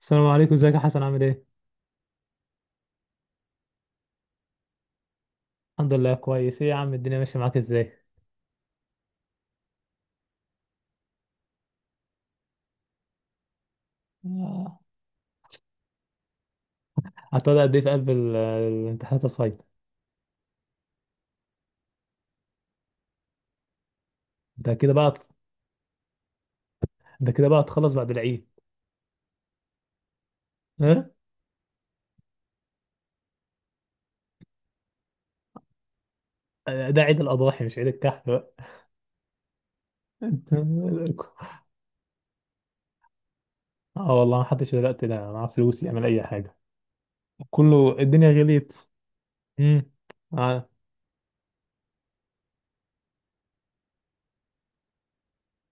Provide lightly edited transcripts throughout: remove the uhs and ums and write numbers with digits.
السلام عليكم، ازيك يا حسن؟ عامل ايه؟ الحمد لله كويس. ايه يا عم الدنيا ماشية معاك ازاي؟ آه، هتقعد قد ايه في قلب الامتحانات الفاينل؟ ده كده بقى ده كده بقى تخلص بعد العيد. ها؟ ده عيد الأضاحي مش عيد الكحف بقى. انت مالك؟ اه والله ما حدش دلوقتي ده معاه فلوس يعمل أي حاجة، كله الدنيا غليت. امم آه.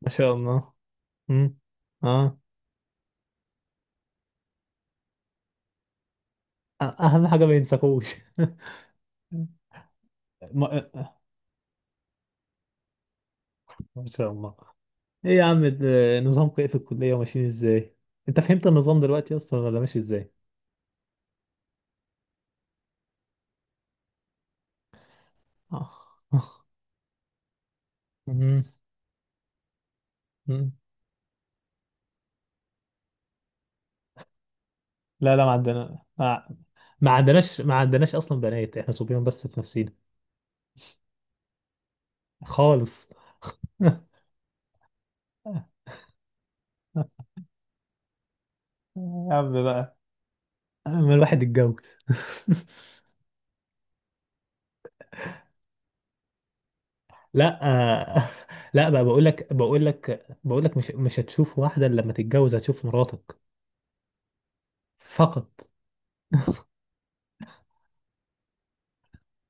ما شاء الله. امم اه أ- أهم حاجة ما ينساكوش. ما ما شاء الله. ايه يا عم ده، نظامكم ايه في الكلية وماشيين ازاي؟ انت فهمت النظام دلوقتي اصلا ولا ماشي ازاي؟ آه. مم. مم. لا ما عندنا آه. ما عندناش اصلا بنات، احنا صبيان بس في نفسينا خالص. يا عم بقى، ما الواحد اتجوز. لا آه، لا بقى، بقول لك بقول لك مش هتشوف واحدة إلا لما تتجوز هتشوف مراتك فقط.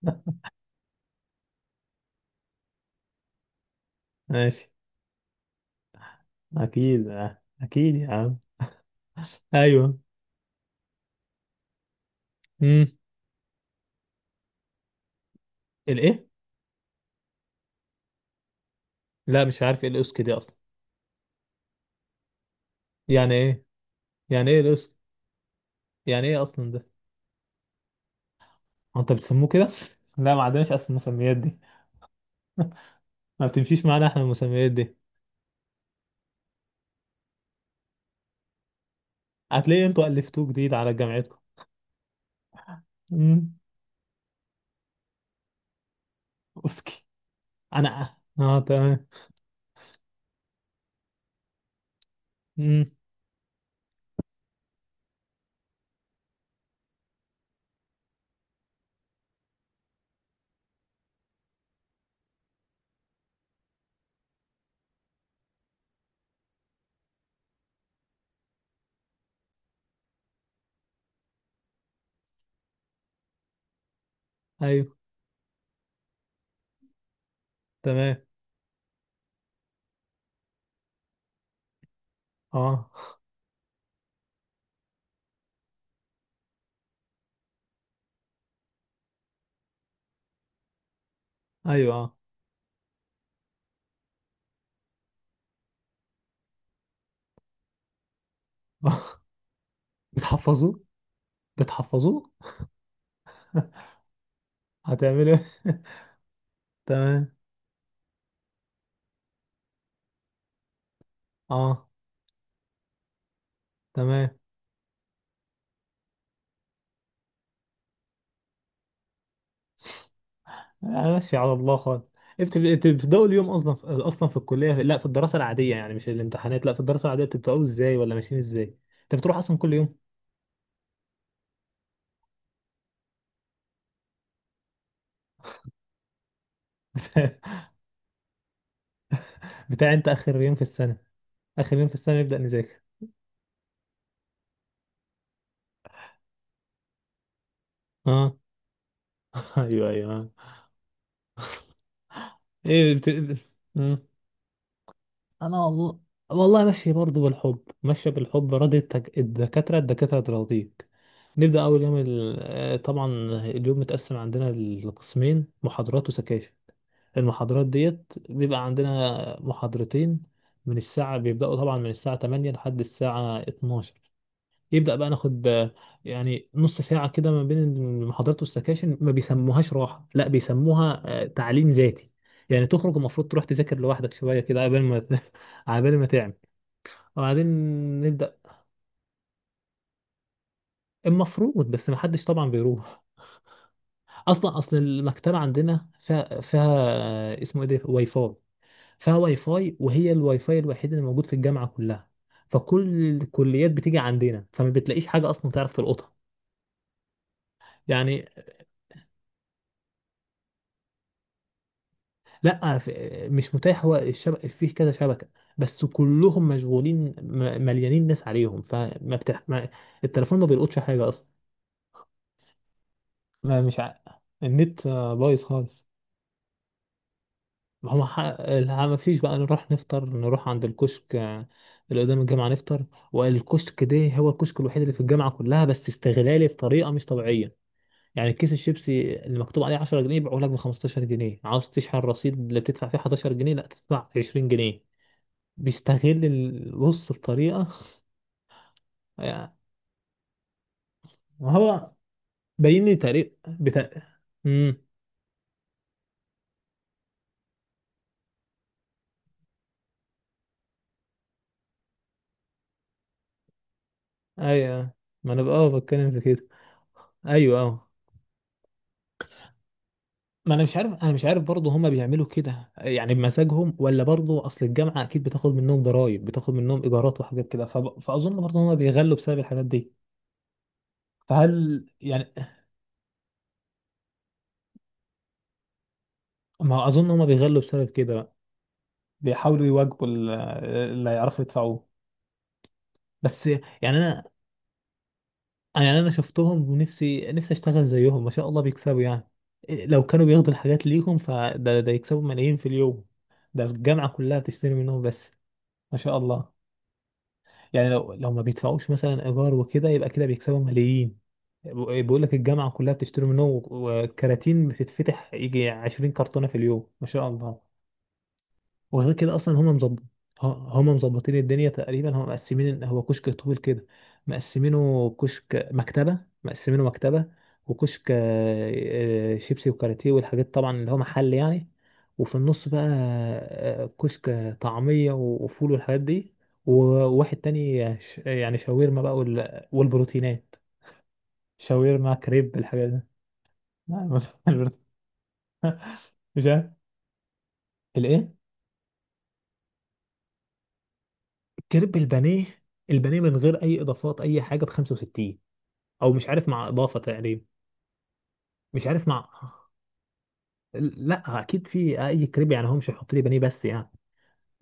ماشي، اكيد آه، اكيد يا عم. ايوه. امم. الايه؟ لا مش عارف ايه الاوسكي دي اصلا. يعني ايه؟ يعني ايه الاوسكي؟ يعني ايه اصلا ده؟ هو انت بتسموه كده؟ لا ما عندناش اصلا المسميات دي. ما بتمشيش معانا احنا المسميات دي، هتلاقي انتوا الفتوه جديد على جامعتكم. امم. اوسكي. انا اه تمام. امم. ايوه. تمام. اه. ايوه. اه. بتحفظوه؟ بتحفظوه؟ هتعملوا ايه؟ تمام. اه. تمام. أنا ماشي على الله خالص. انت بتبداوا اليوم اصلا في... اصلا في الكليه لا في الدراسه العاديه يعني مش الامتحانات، لا في الدراسه العاديه، بتبداوا ازاي ولا ماشيين ازاي؟ انت بتروح اصلا كل يوم؟ بتاع انت اخر يوم في السنه، اخر يوم في السنه نبدا نذاكر. اه. ايوه ايوه آه. ايه بت... مم. انا والله، والله ماشي برضه بالحب، ماشيه بالحب راضي التك... الدكاتره، تراضيك. نبدا اول يوم آه، طبعا اليوم متقسم عندنا لقسمين، محاضرات وسكاشن. المحاضرات ديت بيبقى عندنا محاضرتين. من الساعة بيبدأوا طبعا من الساعة 8 لحد الساعة 12. يبدأ بقى ناخد يعني نص ساعة كده ما بين المحاضرات والسكاشن، ما بيسموهاش راحة، لا بيسموها تعليم ذاتي. يعني تخرج المفروض تروح تذاكر لوحدك شوية كده قبل ما قبل ما تعمل. وبعدين نبدأ المفروض، بس ما حدش طبعا بيروح اصلا، اصل المكتبة عندنا فيها اسمه ايه ده؟ واي فاي. فيها واي فاي، وهي الواي فاي الوحيد اللي موجود في الجامعه كلها، فكل الكليات بتيجي عندنا، فما بتلاقيش حاجه اصلا تعرف تلقطها يعني. لا ف- مش متاح، هو الشبكه فيه كذا شبكه بس كلهم مشغولين، مليانين ناس عليهم، فما بتح... ما... التليفون ما بيلقطش حاجه اصلا. ما مش ع... النت آه، بايظ خالص. ما هو ح... لا، ما فيش بقى، نروح نفطر، نروح عند الكشك اللي قدام الجامعه نفطر. والكشك ده هو الكشك الوحيد اللي في الجامعه كلها، بس استغلالي بطريقه مش طبيعيه. يعني كيس الشيبسي اللي مكتوب عليه 10 جنيه يبيعوه لك ب 15 جنيه، عاوز تشحن رصيد اللي بتدفع فيه 11 جنيه لا تدفع 20 جنيه، بيستغل البص بطريقة يعني. هو باين لي طريق بتاع. امم. ايوه. ما انا بقى آه بتكلم في كده. ايوه اه. ما انا مش عارف، انا مش عارف برضه هما بيعملوا كده يعني بمزاجهم ولا برضه اصل الجامعة اكيد بتاخد منهم ضرايب، بتاخد منهم ايجارات وحاجات كده، فب... فاظن برضه هما بيغلوا بسبب الحاجات دي. فهل يعني، ما اظن هما بيغلوا بسبب كده، بيحاولوا يواجبوا اللي هيعرفوا يدفعوه. بس يعني انا شفتهم ونفسي اشتغل زيهم، ما شاء الله بيكسبوا يعني. لو كانوا بياخدوا الحاجات ليهم فده يكسبوا ملايين في اليوم، ده الجامعة كلها بتشتري منهم بس. ما شاء الله. يعني لو ما بيدفعوش مثلا ايجار وكده يبقى كده بيكسبوا ملايين. بيقول لك الجامعة كلها بتشتري منهم، وكراتين بتتفتح يجي 20 كرتونة في اليوم، ما شاء الله. وغير كده اصلا هم مظبط، هم مظبطين الدنيا تقريبا، هم مقسمين إن هو كشك طويل كده، مقسمينه كشك مكتبه، مقسمينه مكتبه وكشك شيبسي وكاراتيه والحاجات طبعا اللي هو محل يعني. وفي النص بقى كشك طعميه وفول والحاجات دي، وواحد تاني ش- يعني شاورما بقى والبروتينات، شاورما كريب الحاجات دي. لا، مش عارف. الايه؟ كريب البانيه، البانيه من غير اي اضافات اي حاجه ب 65، او مش عارف مع اضافه تقريبا. مش عارف مع، لا اكيد في اي كريب يعني هو مش هيحط لي بانيه بس يعني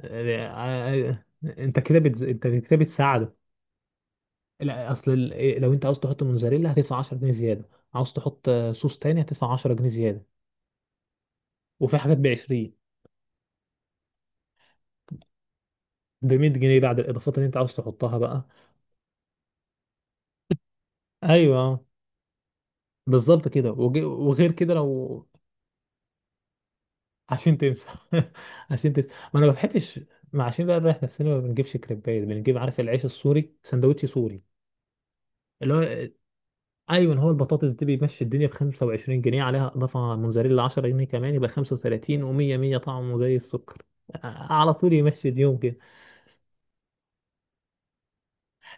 آه، آه، انت كده بتز... انت كده بتساعده. لا اصل لو انت عاوز تحط موزاريلا هتدفع 10 جنيه زياده، عاوز تحط آه، صوص تاني هتدفع 10 جنيه زياده، وفي حاجات ب 20، ب 100 جنيه بعد الاضافات اللي انت عاوز تحطها بقى. ايوه بالظبط كده. وغير كده لو عشان تمسح. عشان تمسح، ما انا ما بحبش، ما عشان بقى نريح نفسنا ما بنجيبش كريبات، بنجيب عارف العيش السوري، سندوتش سوري اللي هو، ايوه هو البطاطس دي، بيمشي الدنيا ب 25 جنيه، عليها اضافه موزاريلا 10 جنيه كمان يبقى 35، و100، 100 طعمه زي السكر آه، على طول يمشي اليوم كده.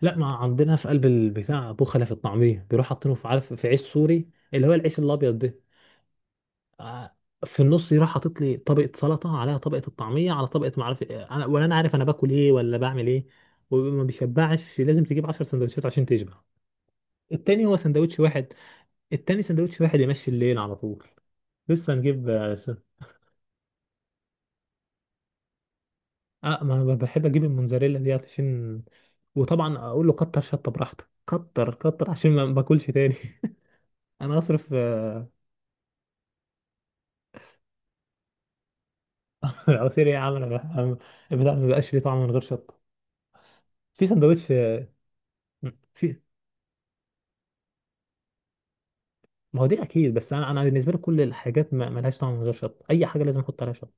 لا ما عندنا في قلب البتاع، بخله في الطعميه بيروح حاطينه في عارف في عيش سوري اللي هو العيش الابيض آه، في النص، يروح حاطط لي طبقه سلطه عليها طبقه الطعميه على طبقه ما اعرف إيه. انا ولا انا عارف انا باكل ايه ولا بعمل ايه. وما بيشبعش، لازم تجيب 10 سندوتشات عشان تشبع التاني، هو سندوتش واحد. التاني سندوتش واحد يمشي الليل على طول. لسه نجيب اه س- آه، ما انا بحب اجيب الموزاريلا دي عشان، وطبعا اقول له كتر شطه براحتك، كتر كتر عشان ما باكلش تاني. انا اصرف آه، عصير ايه يا عم؟ انا بح- أنا البتاع ما بقاش ليه طعم من غير شطه في سندوتش. في، ما هو دي اكيد، بس انا بالنسبه لي كل الحاجات ما ملهاش طعم من غير شطه، اي حاجه لازم احط عليها شطه.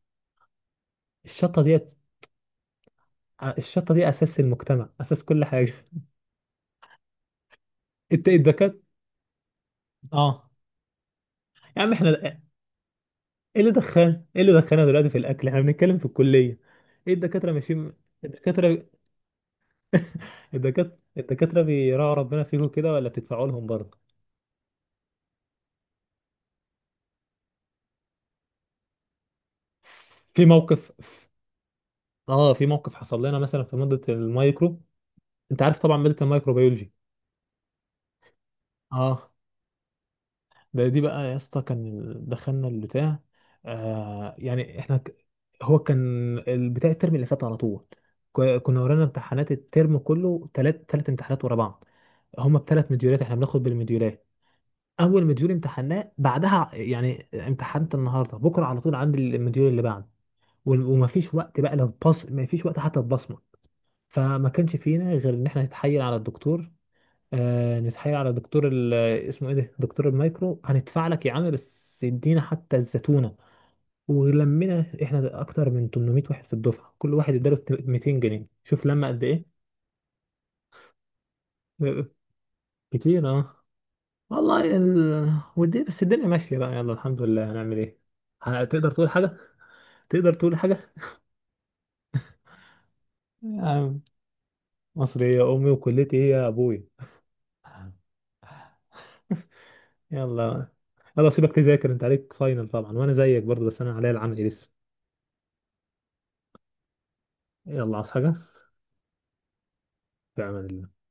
الشطه ديت الشطه دي اساس المجتمع، اساس كل حاجه. انت الدكات، اه يا عم احنا ايه اللي دخلنا، ايه اللي دخلنا دلوقتي في الاكل، احنا بنتكلم في الكليه، ايه الدكاتره ماشيين؟ الدكاتره الدكاتره الدكاتره بيراعوا ربنا فيكم كده ولا بتدفعوا لهم برضه؟ في موقف، اه في موقف حصل لنا مثلا في ماده المايكرو، انت عارف طبعا ماده الميكروبيولوجي. اه. ده دي بقى يا اسطى كان دخلنا البتاع آه يعني احنا ك... هو كان البتاع الترم اللي فات على طول، ك- كنا ورانا امتحانات الترم كله، تلات امتحانات ورا بعض، هما بتلات مديولات، احنا بناخد بالمديولات. اول مديول امتحناه بعدها يعني امتحنت النهارده بكره على طول عندي المديول اللي بعده، ومفيش وقت بقى لو بص، مفيش وقت حتى تبصمه. فما كانش فينا غير ان احنا نتحايل على الدكتور، آه نتحايل على دكتور اسمه ايه ده، دكتور المايكرو، هندفع لك يا عم بس ادينا حتى الزتونه. ولمينا احنا اكتر من 800 واحد في الدفعه، كل واحد اداله 200 جنيه، شوف لما قد ايه. آه، كتير اه والله ودي بس الدنيا ماشيه بقى يلا الحمد لله، هنعمل ايه؟ هتقدر تقول حاجه؟ تقدر تقول حاجه؟ يا مصري يا امي، وكلتي هي ابوي. يلا، يلا سيبك تذاكر، انت عليك فاينل طبعا، وانا زيك برضو بس انا عليا العمل لسه. يلا، عاوز حاجة؟ في أمان الله.